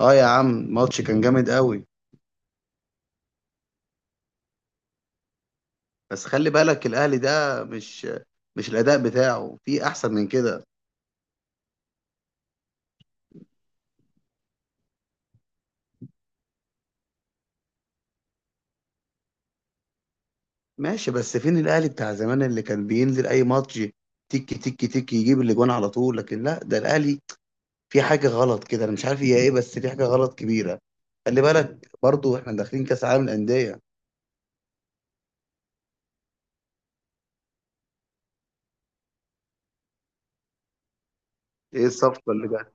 اه يا عم، الماتش كان جامد قوي. بس خلي بالك الاهلي ده مش الاداء بتاعه في احسن من كده. ماشي، بس فين الاهلي بتاع زمان اللي كان بينزل اي ماتش تيكي تيكي تيكي يجيب الاجوان على طول؟ لكن لا، ده الاهلي في حاجه غلط كده. انا مش عارف هي ايه، بس في حاجه غلط كبيره. خلي بالك برضو احنا داخلين كاس عالم الانديه. ايه الصفقه اللي جت؟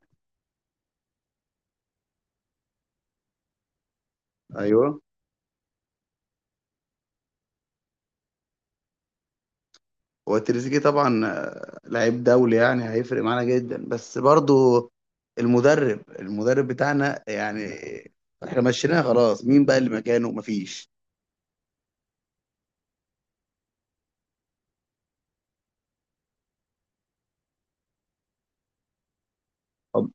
ايوه، هو تريزيجيه طبعا لعيب دولي، يعني هيفرق معانا جدا. بس برضو المدرب بتاعنا يعني احنا مشيناه خلاص، مين بقى اللي مكانه؟ مفيش. طب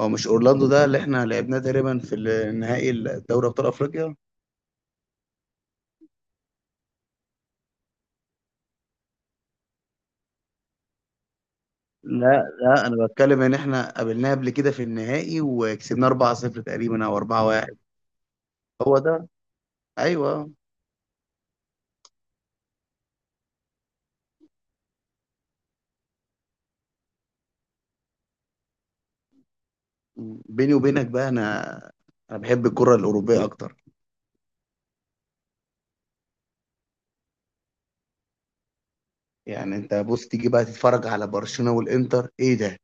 هو مش اورلاندو ده اللي احنا لعبناه تقريبا في النهائي الدوري ابطال افريقيا؟ لا لا، انا بتكلم ان احنا قابلناه قبل كده في النهائي وكسبناه 4-0 تقريبا او 4-1. هو ده. ايوه. بيني وبينك بقى، انا انا بحب الكرة الاوروبية اكتر. يعني انت بص، تيجي بقى تتفرج على برشلونة والانتر، ايه ده؟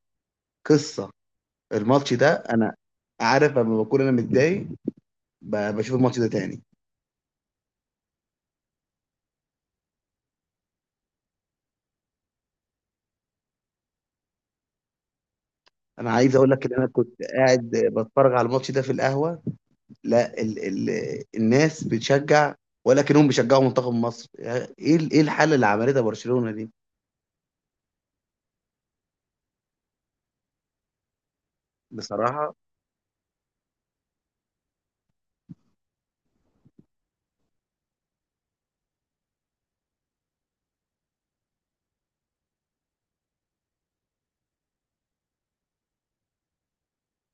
قصة. الماتش ده انا عارف لما بكون انا متضايق بشوف الماتش ده تاني. انا عايز اقول لك ان انا كنت قاعد بتفرج على الماتش ده في القهوة. لا ال ال الناس بتشجع، ولكنهم بيشجعوا منتخب مصر. يعني ايه ايه الحالة اللي عملتها برشلونة دي؟ بصراحة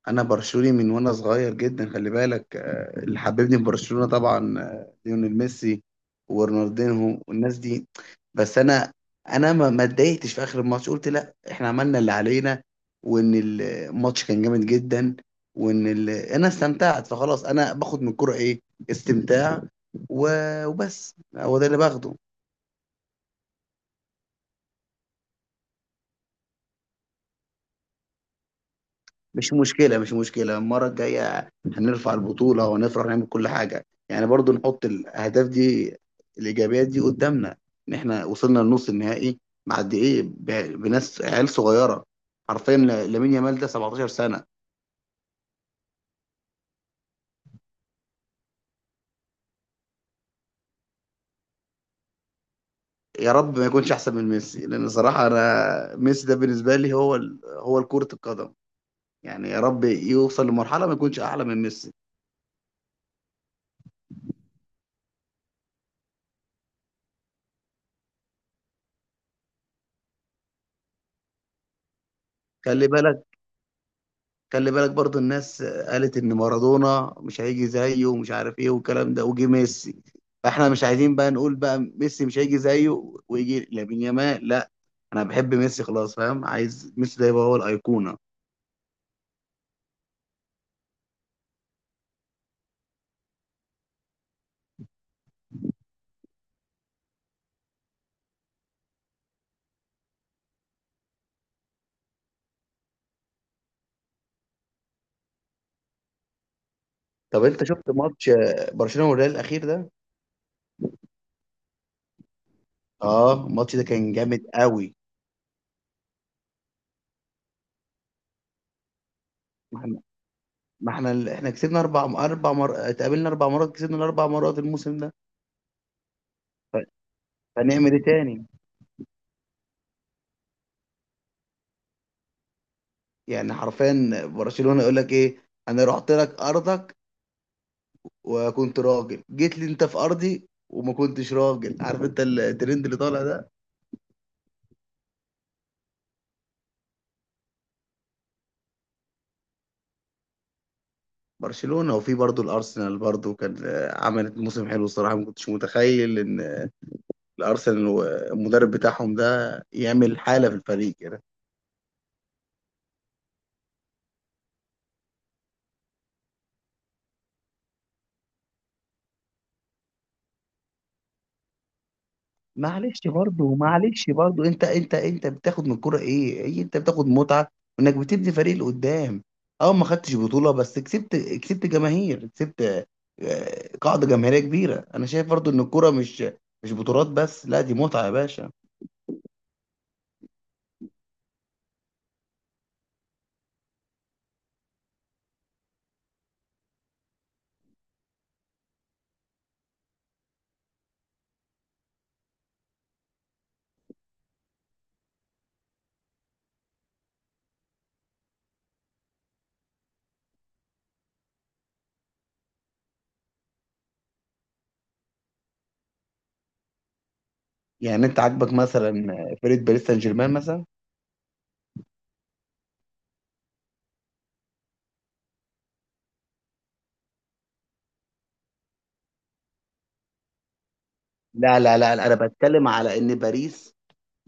انا برشلوني من وانا صغير جدا. خلي بالك اللي حببني في برشلونة طبعا ليونيل ميسي ورونالدينهو والناس دي. بس انا انا ما اتضايقتش في اخر الماتش. قلت لا، احنا عملنا اللي علينا، وان الماتش كان جامد جدا، وان انا استمتعت. فخلاص، انا باخد من الكوره ايه؟ استمتاع و... وبس، هو ده اللي باخده. مش مشكلة، مش مشكلة، المرة الجاية هنرفع البطولة وهنفرح نعمل كل حاجة. يعني برضو نحط الأهداف دي، الإيجابيات دي قدامنا، إن إحنا وصلنا لنص النهائي مع قد إيه بناس عيال صغيرة. حرفيا لامين يامال ده 17 سنة. يا رب ما يكونش أحسن من ميسي، لأن صراحة أنا ميسي ده بالنسبة لي هو هو كرة القدم. يعني يا رب يوصل لمرحلة ما يكونش أعلى من ميسي. خلي بالك، خلي بالك برضو الناس قالت ان مارادونا مش هيجي زيه ومش عارف ايه والكلام ده، وجه ميسي. فاحنا مش عايزين بقى نقول بقى ميسي مش هيجي زيه ويجي لامين يامال. لا، انا بحب ميسي خلاص، فاهم؟ عايز ميسي ده يبقى هو الايقونه. طب انت شفت ماتش برشلونه والريال الاخير ده؟ اه، الماتش ده كان جامد قوي. ما احنا ما احنا احنا كسبنا اتقابلنا اربع مرات، كسبنا الاربع مرات الموسم ده. ف- فنعمل ايه تاني؟ يعني حرفيا برشلونه يقول لك ايه؟ انا رحت لك ارضك وكنت راجل، جيت لي انت في ارضي وما كنتش راجل. عارف انت الترند اللي طالع ده؟ برشلونة، وفي برضه الارسنال برضه كان عملت موسم حلو الصراحة. ما كنتش متخيل ان الارسنال والمدرب بتاعهم ده يعمل حالة في الفريق. معلش برضه، معلش برضه، انت بتاخد من الكوره ايه؟ ايه انت بتاخد؟ متعه انك بتبني فريق اللي قدام. اه ما خدتش بطوله، بس كسبت، كسبت جماهير، كسبت قاعده جماهيريه كبيره. انا شايف برضه ان الكوره مش بطولات بس، لا، دي متعه يا باشا. يعني انت عاجبك مثلا فريق باريس سان جيرمان مثلا؟ لا لا لا لا، انا بتكلم على ان باريس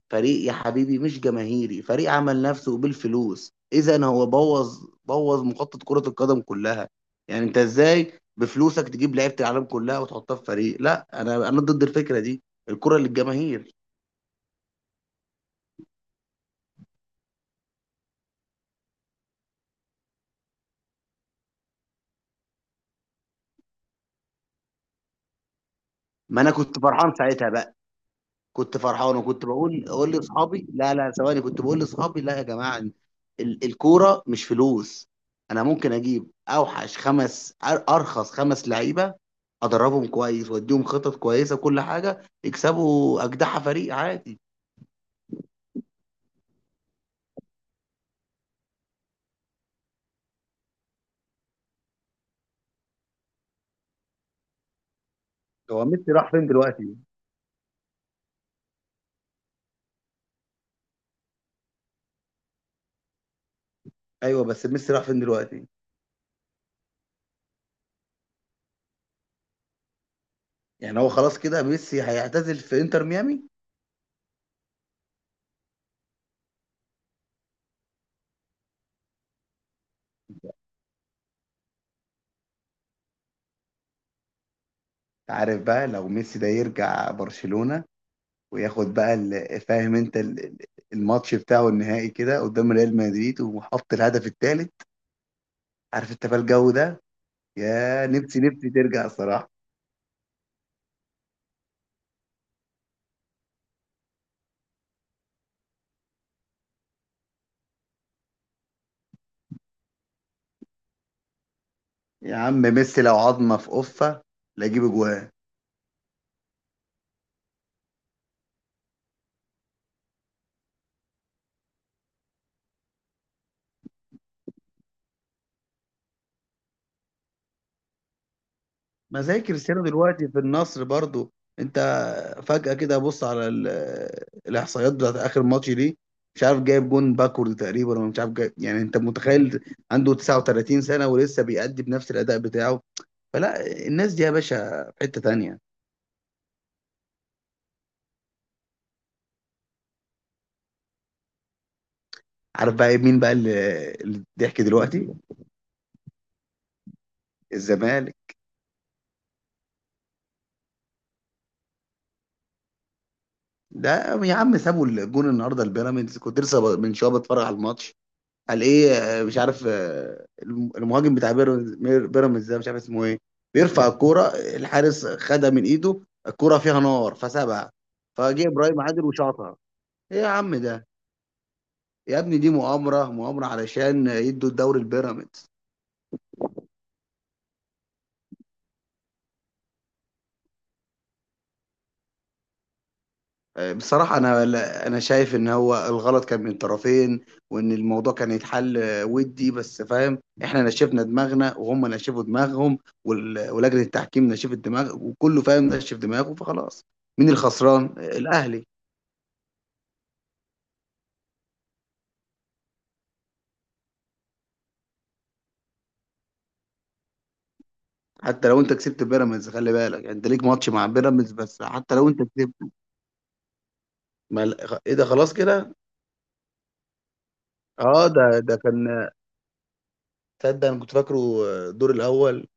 فريق يا حبيبي مش جماهيري، فريق عمل نفسه بالفلوس. اذا هو بوظ، بوظ مخطط كرة القدم كلها. يعني انت ازاي بفلوسك تجيب لعيبة العالم كلها وتحطها في فريق؟ لا انا، انا ضد الفكرة دي. الكرة للجماهير. ما انا كنت فرحان ساعتها بقى. كنت فرحان وكنت بقول لاصحابي لا لا، ثواني، كنت بقول لاصحابي لا يا جماعه، الكوره مش فلوس. انا ممكن اجيب اوحش خمس ارخص خمس لعيبه، ادربهم كويس واديهم خطط كويسه وكل حاجه، يكسبوا اجدع فريق عادي. هو ميسي راح فين دلوقتي؟ ايوه، بس ميسي راح فين دلوقتي؟ يعني هو خلاص كده ميسي هيعتزل في انتر ميامي؟ عارف بقى، لو ميسي ده يرجع برشلونه وياخد بقى فاهم انت الماتش بتاعه النهائي كده قدام ريال مدريد وحط الهدف الثالث، عارف انت بقى الجو ده؟ يا نفسي، نفسي ترجع صراحة. يا عم ميسي لو عظمة في قفة لا يجيب اجوان. ما زي كريستيانو دلوقتي في النصر برضو. انت فجأة كده بص على الاحصائيات بتاعت اخر ماتش دي. مش عارف جايب جون باكورد تقريبا، ولا مش عارف جايب، يعني انت متخيل؟ عنده 39 سنة ولسه بيأدي بنفس الأداء بتاعه. فلا، الناس دي يا باشا في حتة تانية. عارف بقى إيه؟ مين بقى اللي اللي الضحك دلوقتي؟ الزمالك. ده يا عم سابوا الجون النهارده البيراميدز. كنت لسه من شويه بتفرج على الماتش. قال ايه؟ مش عارف المهاجم بتاع بيراميدز، بيراميدز ده مش عارف اسمه ايه، بيرفع الكوره، الحارس خدها من ايده، الكوره فيها نار فسابها، فجه ابراهيم عادل وشاطها. ايه يا عم ده؟ يا ابني دي مؤامره، مؤامره علشان يدوا الدوري البيراميدز. بصراحة أنا أنا شايف إن هو الغلط كان من الطرفين، وإن الموضوع كان يتحل ودي بس، فاهم؟ إحنا نشفنا دماغنا وهم نشفوا دماغهم، ولجنة التحكيم نشفت دماغ، وكله فاهم نشف دماغه، فخلاص. مين الخسران؟ الأهلي. حتى لو أنت كسبت بيراميدز، خلي بالك يعني، أنت ليك ماتش مع بيراميدز بس، حتى لو أنت كسبت. ما إيه ده، خلاص كده؟ أه، ده كان، تصدق أنا كنت فاكره الدور الأول.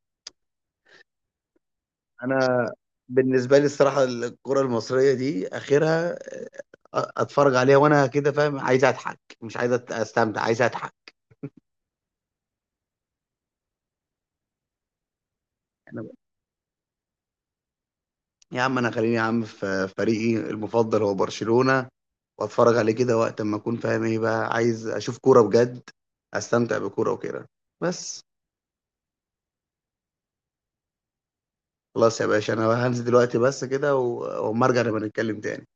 انا بالنسبه لي الصراحه، الكره المصريه دي اخرها اتفرج عليها وانا كده، فاهم؟ عايز اضحك، مش عايز استمتع، عايز اضحك. أنا يا عم، انا خليني يا عم في فريقي المفضل هو برشلونه، واتفرج عليه كده وقت ما اكون فاهم، ايه بقى؟ عايز اشوف كوره بجد، استمتع بكوره وكده، بس. خلاص يا باشا، انا هنزل دلوقتي بس كده، واما ارجع نبقى نتكلم تاني.